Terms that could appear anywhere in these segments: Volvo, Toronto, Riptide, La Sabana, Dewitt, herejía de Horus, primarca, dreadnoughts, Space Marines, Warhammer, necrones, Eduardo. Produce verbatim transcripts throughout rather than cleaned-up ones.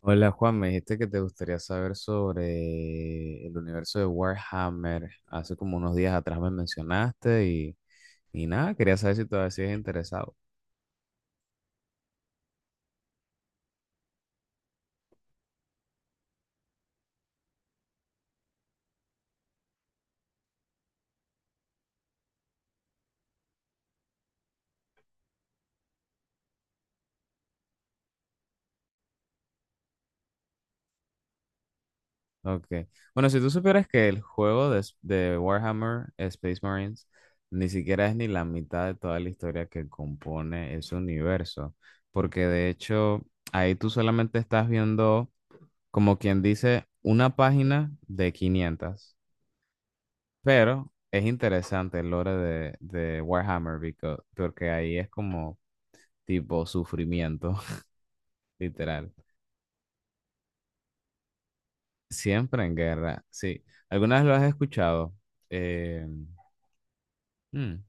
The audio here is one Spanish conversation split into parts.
Hola Juan, me dijiste que te gustaría saber sobre el universo de Warhammer. Hace como unos días atrás me mencionaste y, y nada, quería saber si todavía sigues interesado. Ok. Bueno, si tú supieras que el juego de, s- de Warhammer Space Marines ni siquiera es ni la mitad de toda la historia que compone ese universo, porque de hecho ahí tú solamente estás viendo, como quien dice, una página de quinientas. Pero es interesante el lore de, de Warhammer because- porque ahí es como tipo sufrimiento, literal. Siempre en guerra, sí. ¿Alguna vez lo has escuchado? Eh, hmm,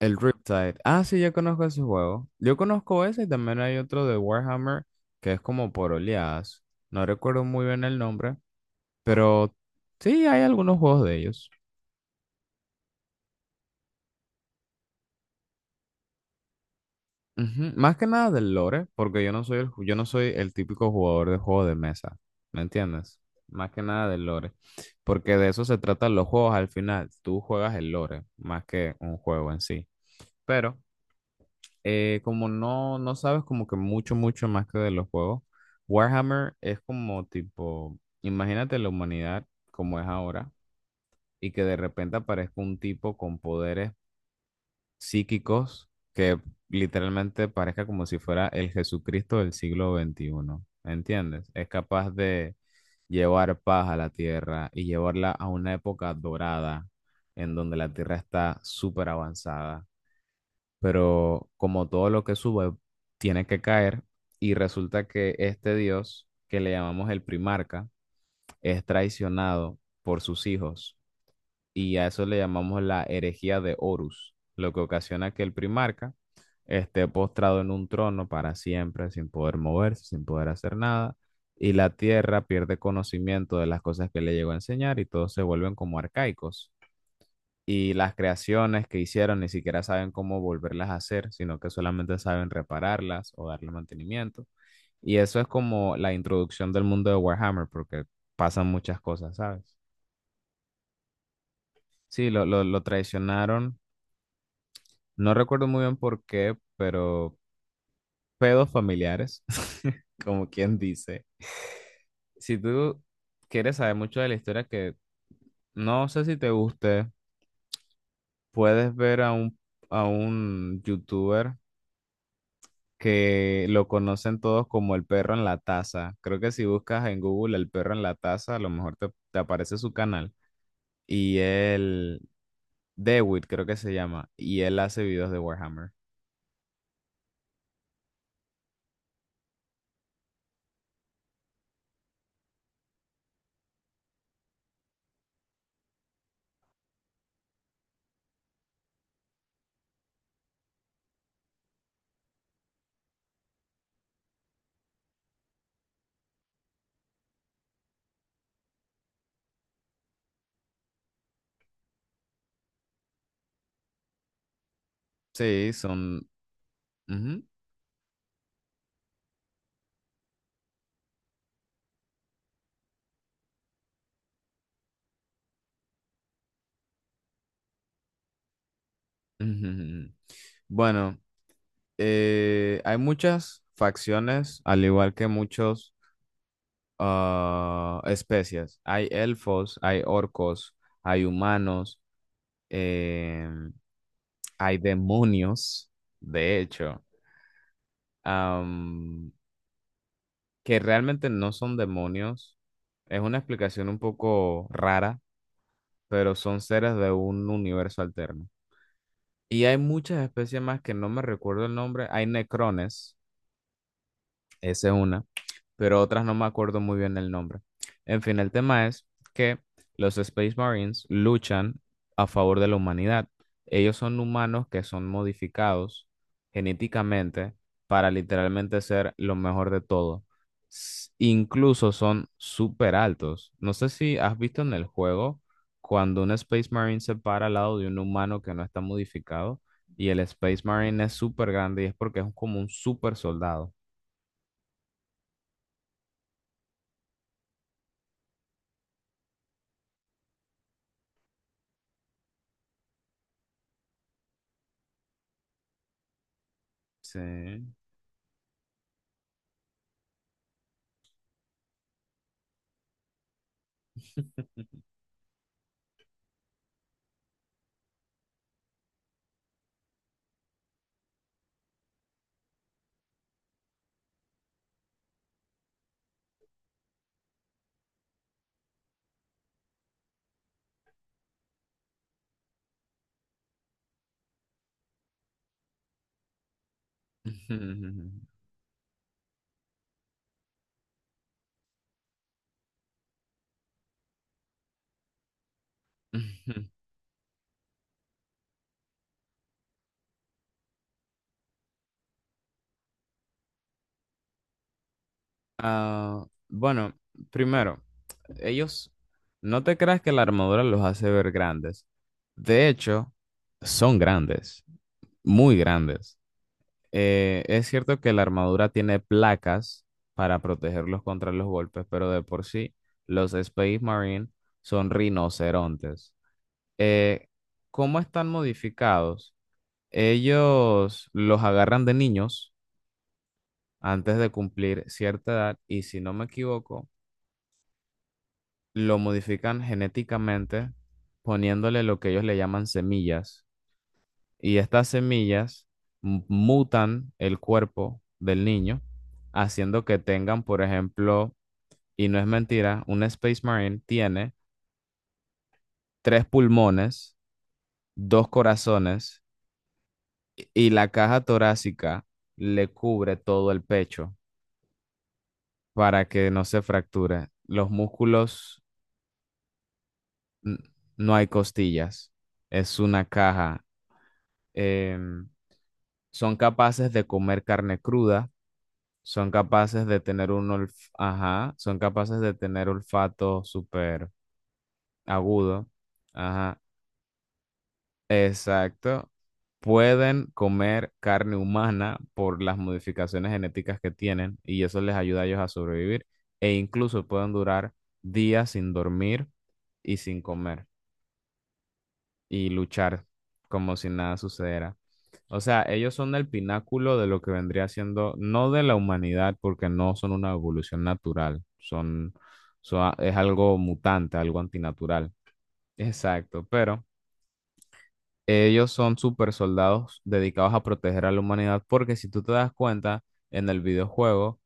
el Riptide. Ah, sí, yo conozco ese juego. Yo conozco ese y también hay otro de Warhammer que es como por oleadas. No recuerdo muy bien el nombre, pero sí hay algunos juegos de ellos. Ujú, Más que nada del lore, porque yo no soy el, ju- yo no soy el típico jugador de juego de mesa, ¿me entiendes? Más que nada del lore, porque de eso se tratan los juegos al final, tú juegas el lore más que un juego en sí. Pero eh, como no, no sabes como que mucho, mucho más que de los juegos, Warhammer es como tipo, imagínate la humanidad como es ahora y que de repente aparezca un tipo con poderes psíquicos que literalmente parezca como si fuera el Jesucristo del siglo vigésimo primero. ¿Entiendes? Es capaz de llevar paz a la tierra y llevarla a una época dorada en donde la tierra está súper avanzada. Pero como todo lo que sube tiene que caer y resulta que este Dios, que le llamamos el primarca, es traicionado por sus hijos y a eso le llamamos la herejía de Horus, lo que ocasiona que el primarca esté postrado en un trono para siempre, sin poder moverse, sin poder hacer nada, y la tierra pierde conocimiento de las cosas que le llegó a enseñar y todos se vuelven como arcaicos. Y las creaciones que hicieron ni siquiera saben cómo volverlas a hacer, sino que solamente saben repararlas o darle mantenimiento. Y eso es como la introducción del mundo de Warhammer, porque pasan muchas cosas, ¿sabes? Sí, lo, lo, lo traicionaron. No recuerdo muy bien por qué, pero pedos familiares, como quien dice. Si tú quieres saber mucho de la historia que no sé si te guste, puedes ver a un, a un, youtuber que lo conocen todos como el perro en la taza. Creo que si buscas en Google el perro en la taza, a lo mejor te, te aparece su canal. Y él, Dewitt creo que se llama, y él hace videos de Warhammer. Sí, son. Ujú, ujú, ujú. Bueno. Eh, hay muchas facciones, al igual que muchos ah, especies. Hay elfos, hay orcos, hay humanos, em, hay demonios, de hecho, am, que realmente no son demonios. Es una explicación un poco rara, pero son seres de un universo alterno. Y hay muchas especies más que no me recuerdo el nombre. Hay necrones, esa es una. pero otras no me acuerdo muy bien el nombre. En fin, el tema es que los Space Marines luchan a favor de la humanidad. Ellos son humanos que son modificados genéticamente para literalmente ser lo mejor de todo. S- Incluso son súper altos. No sé si has visto en el juego cuando un Space Marine se para al lado de un humano que no está modificado y el Space Marine es súper grande y es porque es como un súper soldado. Sí. Ujú, ujú, ujú. Ah, bueno, primero, ellos, no te creas que la armadura los hace ver grandes. De hecho, son grandes, muy grandes. Eh, es cierto que la armadura tiene placas para protegerlos contra los golpes, pero de por sí, los Space Marine son rinocerontes. Eh, ¿cómo están modificados? Ellos los agarran de niños antes de cumplir cierta edad y si no me equivoco, lo modifican genéticamente poniéndole lo que ellos le llaman semillas y estas semillas mu- mutan el cuerpo del niño haciendo que tengan, por ejemplo, y no es mentira, un Space Marine tiene tres pulmones, dos corazones y y la caja torácica le cubre todo el pecho para que no se fracture. Los músculos n- no hay costillas, es una caja. Em, Son capaces de comer carne cruda, son capaces de tener un olf- ajá, son capaces de tener olfato súper agudo, ajá, exacto. Pueden comer carne humana por las modificaciones genéticas que tienen y eso les ayuda a ellos a sobrevivir e incluso pueden durar días sin dormir y sin comer. y luchar como si nada sucediera. O sea, ellos son el pináculo de lo que vendría siendo, no de la humanidad, porque no son una evolución natural, son, son a- es algo mutante, algo antinatural. Exacto, pero ellos son super soldados dedicados a proteger a la humanidad, porque si tú te das cuenta, en el videojuego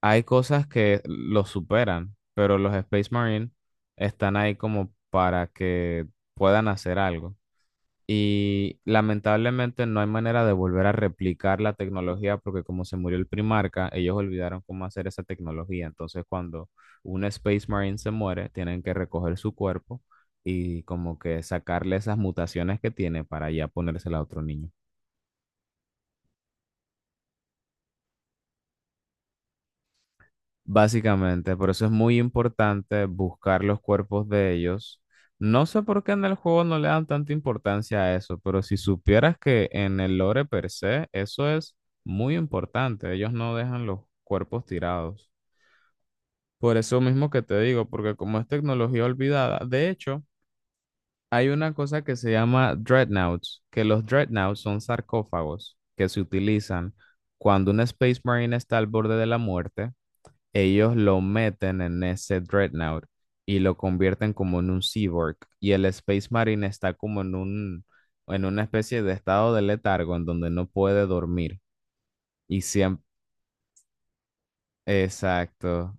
hay cosas que los superan, pero los Space Marine están ahí como para que puedan hacer algo. Y lamentablemente no hay manera de volver a replicar la tecnología porque como se murió el Primarca, ellos olvidaron cómo hacer esa tecnología. Entonces, cuando un Space Marine se muere, tienen que recoger su cuerpo y como que sacarle esas mutaciones que tiene para ya ponérsela a otro niño. Básicamente, por eso es muy importante buscar los cuerpos de ellos. No sé por qué en el juego no le dan tanta importancia a eso, pero si supieras que en el lore per se, eso es muy importante. Ellos no dejan los cuerpos tirados. Por eso mismo que te digo, porque como es tecnología olvidada, de hecho, hay una cosa que se llama dreadnoughts, que los dreadnoughts son sarcófagos que se utilizan cuando un Space Marine está al borde de la muerte, ellos lo meten en ese Dreadnought y lo convierten como en un cyborg. Y el Space Marine está como en un, en una especie de estado de letargo en donde no puede dormir. Y siempre, exacto,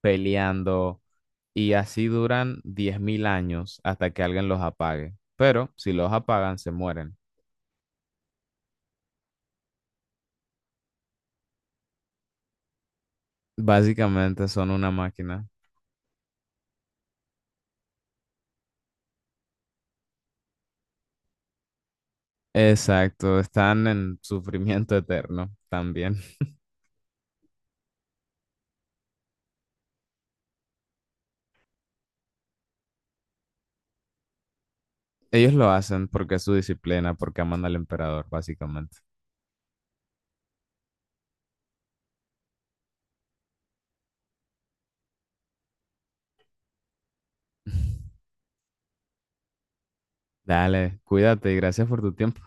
peleando. Y así duran diez mil años hasta que alguien los apague. Pero si los apagan, se mueren. Básicamente son una máquina. Exacto, están en sufrimiento eterno también. Ellos lo hacen porque es su disciplina, porque aman al emperador, básicamente. Dale, cuídate y gracias por tu tiempo.